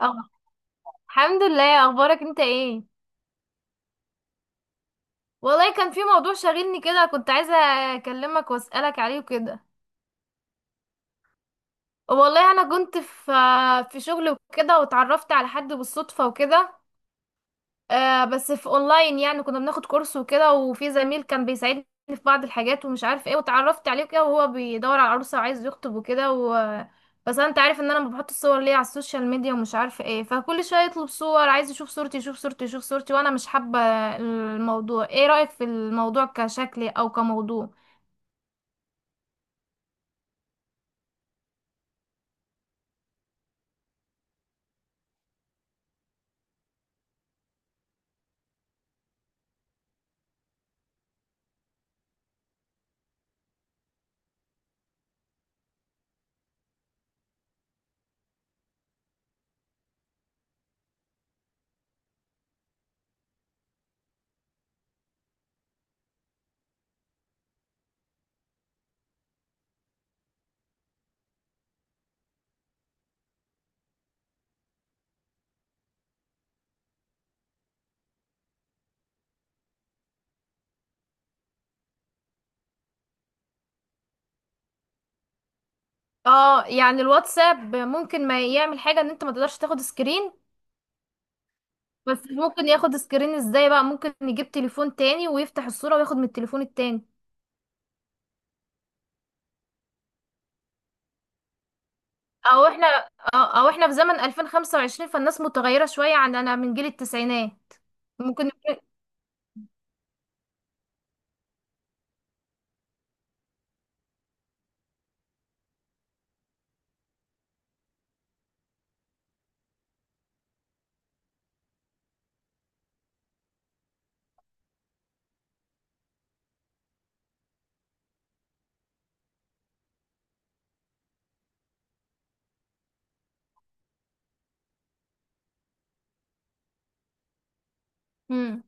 اه. الحمد لله، اخبارك انت ايه؟ والله كان في موضوع شاغلني كده كنت عايزه اكلمك واسالك عليه وكده. والله انا كنت في شغل وكده واتعرفت على حد بالصدفه وكده. بس في اونلاين، يعني كنا بناخد كورس وكده وفي زميل كان بيساعدني في بعض الحاجات ومش عارف ايه، وتعرفت عليه كده وهو بيدور على عروسة وعايز يخطب وكده بس انت عارف ان انا ما بحط الصور ليه على السوشيال ميديا ومش عارف ايه، فكل شوية يطلب صور، عايز يشوف صورتي يشوف صورتي يشوف صورتي وانا مش حابة الموضوع. ايه رأيك في الموضوع كشكل او كموضوع؟ اه، يعني الواتساب ممكن ما يعمل حاجة ان انت ما تقدرش تاخد سكرين، بس ممكن ياخد سكرين ازاي بقى؟ ممكن يجيب تليفون تاني ويفتح الصورة وياخد من التليفون التاني. او احنا أو احنا في زمن 2025، فالناس متغيرة شوية عننا من جيل التسعينات. ممكن. امم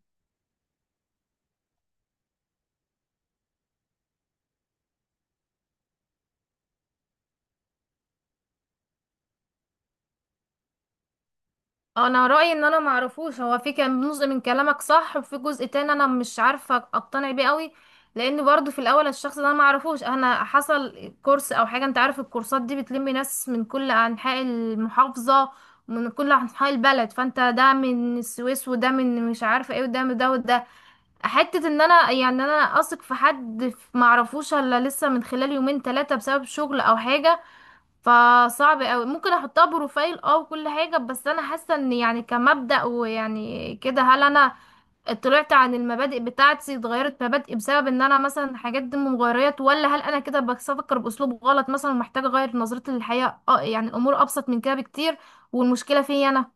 انا رأيي ان انا معرفوش. هو في كان جزء من كلامك صح وفي جزء تاني انا مش عارفة اقتنع بيه قوي، لان برضو في الاول الشخص ده انا معرفوش. انا حصل كورس او حاجة، انت عارف الكورسات دي بتلم ناس من كل انحاء المحافظة، من كل انحاء البلد، فانت ده من السويس وده من مش عارفة ايه وده من ده وده، حتة ان انا يعني انا اثق في حد معرفوش الا لسه من خلال يومين ثلاثة بسبب شغل او حاجة، فصعب اوي ممكن احطها بروفايل. اه وكل حاجة، بس انا حاسة ان يعني كمبدأ ويعني كده، هل انا طلعت عن المبادئ بتاعتي؟ اتغيرت مبادئي بسبب ان انا مثلا حاجات دي مغيرات، ولا هل انا كده بفكر باسلوب غلط مثلا؟ محتاجة اغير نظرتي للحياة؟ اه يعني الامور ابسط من كده بكتير، والمشكلة فيا انا.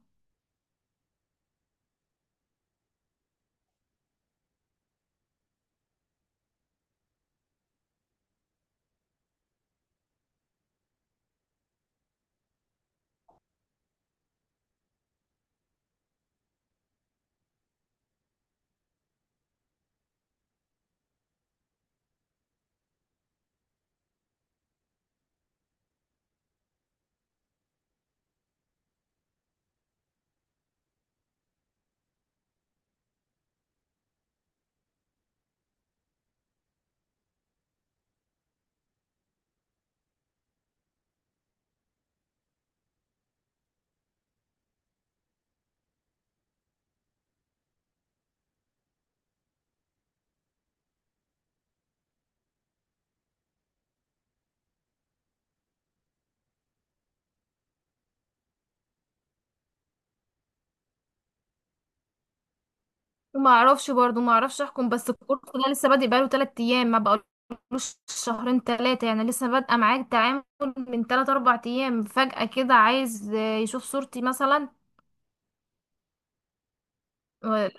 ما اعرفش برضو، ما اعرفش احكم. بس الكورس ده لسه بادئ بقاله 3 ايام، ما بقالوش شهرين ثلاثه، يعني لسه بادئه معاه التعامل من 3 4 ايام، فجأة كده عايز يشوف صورتي مثلا و-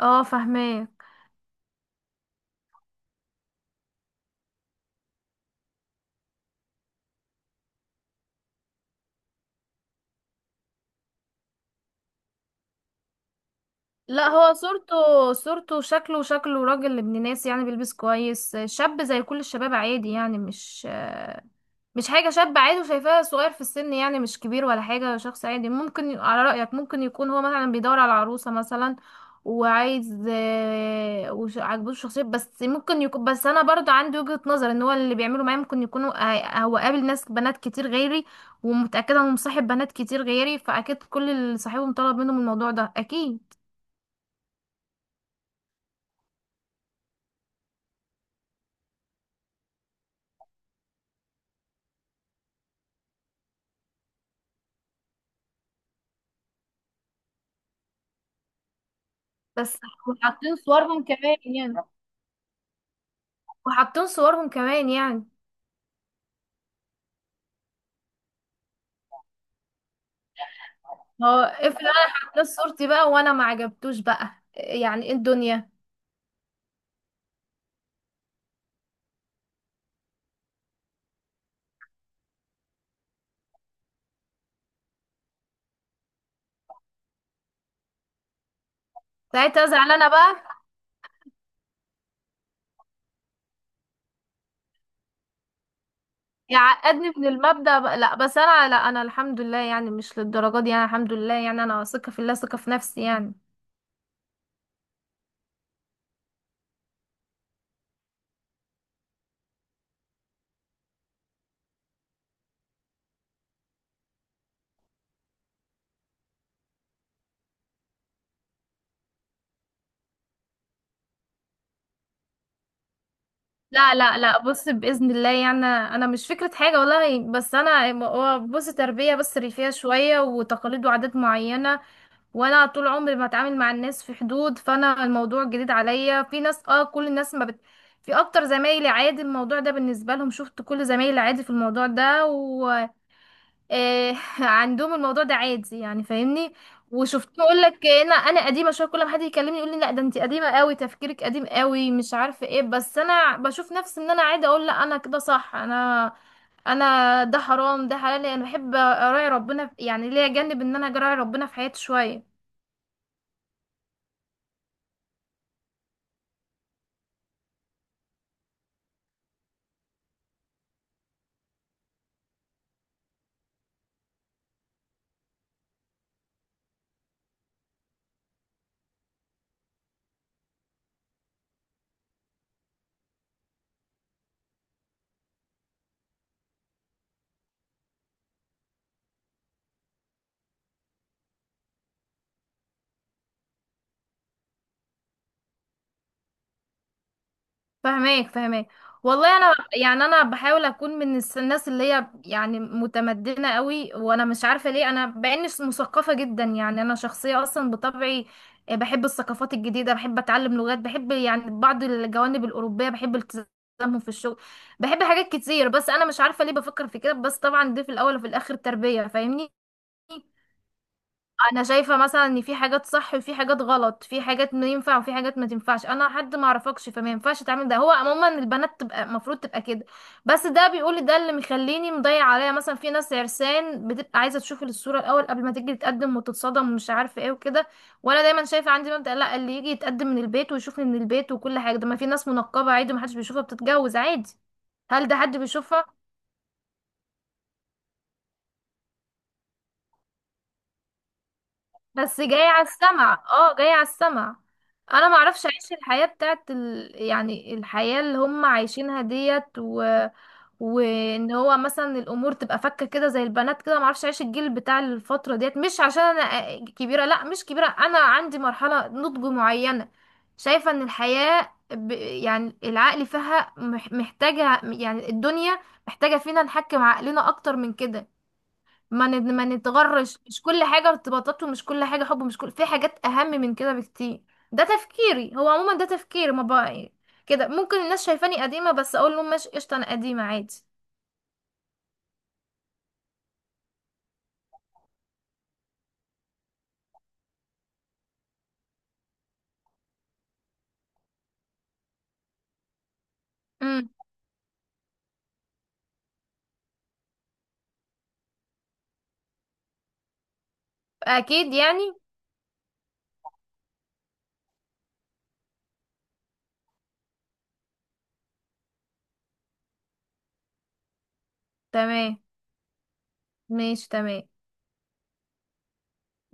اه، فاهماه. لا هو صورته صورته شكله شكله راجل ابن ناس، يعني بيلبس كويس، شاب زي كل الشباب عادي، يعني مش مش حاجة، شاب عادي وشايفاه صغير في السن، يعني مش كبير ولا حاجة، شخص عادي. ممكن على رأيك ممكن يكون هو مثلا بيدور على عروسة مثلا وعايز عاجبه الشخصية. بس ممكن يكون، بس أنا برضو عندي وجهة نظر، إن هو اللي بيعمله معايا ممكن يكون هو قابل ناس بنات كتير غيري، ومتأكدة إنه مصاحب بنات كتير غيري، فأكيد كل اللي صاحبهم طلب منهم الموضوع ده أكيد. بس وحاطين صورهم كمان يعني، وحاطين صورهم كمان يعني هو افرض انا حطيت صورتي بقى وانا ما عجبتوش بقى، يعني ايه الدنيا ساعتها؟ ازعل انا بقى، يعقدني من المبدأ بقى. لا بس انا، لا انا الحمد لله، يعني مش للدرجه دي. انا الحمد لله يعني انا ثقه في الله، ثقه في نفسي يعني. لا لا لا بص، بإذن الله يعني انا مش فكرة حاجة والله، بس انا هو بص، تربية بس ريفية شوية وتقاليد وعادات معينة، وانا طول عمري بتعامل مع الناس في حدود، فانا الموضوع جديد عليا. في ناس، اه، كل الناس ما بت... في اكتر زمايلي عادي الموضوع ده بالنسبه لهم، شفت؟ كل زمايلي عادي في الموضوع ده. و آه عندهم الموضوع ده عادي يعني، فاهمني؟ وشفت اقول لك، انا قديمه شويه، كل ما حد يكلمني يقول لي لا ده انت قديمه قوي، تفكيرك قديم قوي، مش عارفه ايه، بس انا بشوف نفسي ان انا عادي، اقول لا انا كده صح. انا انا ده حرام ده حلال، انا بحب اراعي ربنا يعني ليا جانب ان انا اراعي ربنا في حياتي شويه. فهماك فهماك. والله انا يعني انا بحاول اكون من الناس اللي هي يعني متمدنه قوي، وانا مش عارفه ليه انا باني مثقفه جدا، يعني انا شخصيه اصلا بطبعي بحب الثقافات الجديده، بحب اتعلم لغات، بحب يعني بعض الجوانب الاوروبيه، بحب التزامهم في الشغل، بحب حاجات كتير، بس انا مش عارفه ليه بفكر في كده، بس طبعا دي في الاول وفي الاخر تربيه، فاهمني؟ انا شايفه مثلا ان في حاجات صح وفي حاجات غلط، في حاجات ما ينفع وفي حاجات ما تنفعش، انا حد ما اعرفكش فما ينفعش تعمل ده، هو عموما البنات تبقى المفروض تبقى كده. بس ده بيقول، ده اللي مخليني مضيع عليا، مثلا في ناس عرسان بتبقى عايزه تشوف الصوره الاول قبل ما تيجي تتقدم وتتصدم ومش عارفه ايه وكده. وانا دايما شايفه عندي مبدأ لا، اللي يجي يتقدم من البيت ويشوفني من البيت وكل حاجه، ده ما في ناس منقبه عادي ما حدش بيشوفها بتتجوز عادي. هل ده حد بيشوفها؟ بس جاي على السمع، اه جاي على السمع. انا ما اعرفش اعيش الحياة بتاعت يعني الحياة اللي هم عايشينها ديت وان هو مثلا الامور تبقى فكة كده زي البنات كده، ما اعرفش اعيش الجيل بتاع الفترة ديت، مش عشان انا كبيرة، لا مش كبيرة، انا عندي مرحلة نضج معينة. شايفة ان الحياة يعني العقل فيها محتاجة، يعني الدنيا محتاجة فينا نحكم عقلنا اكتر من كده، ما نتغرش، مش كل حاجة ارتباطات، ومش كل حاجة حب، مش كل، في حاجات أهم من كده بكتير. ده تفكيري، هو عموما ده تفكيري. ما بقى كده ممكن الناس شايفاني قديمة، بس أقول لهم ماشي قشطة، أنا قديمة عادي. امم أكيد يعني. تمام. ماشي تمام.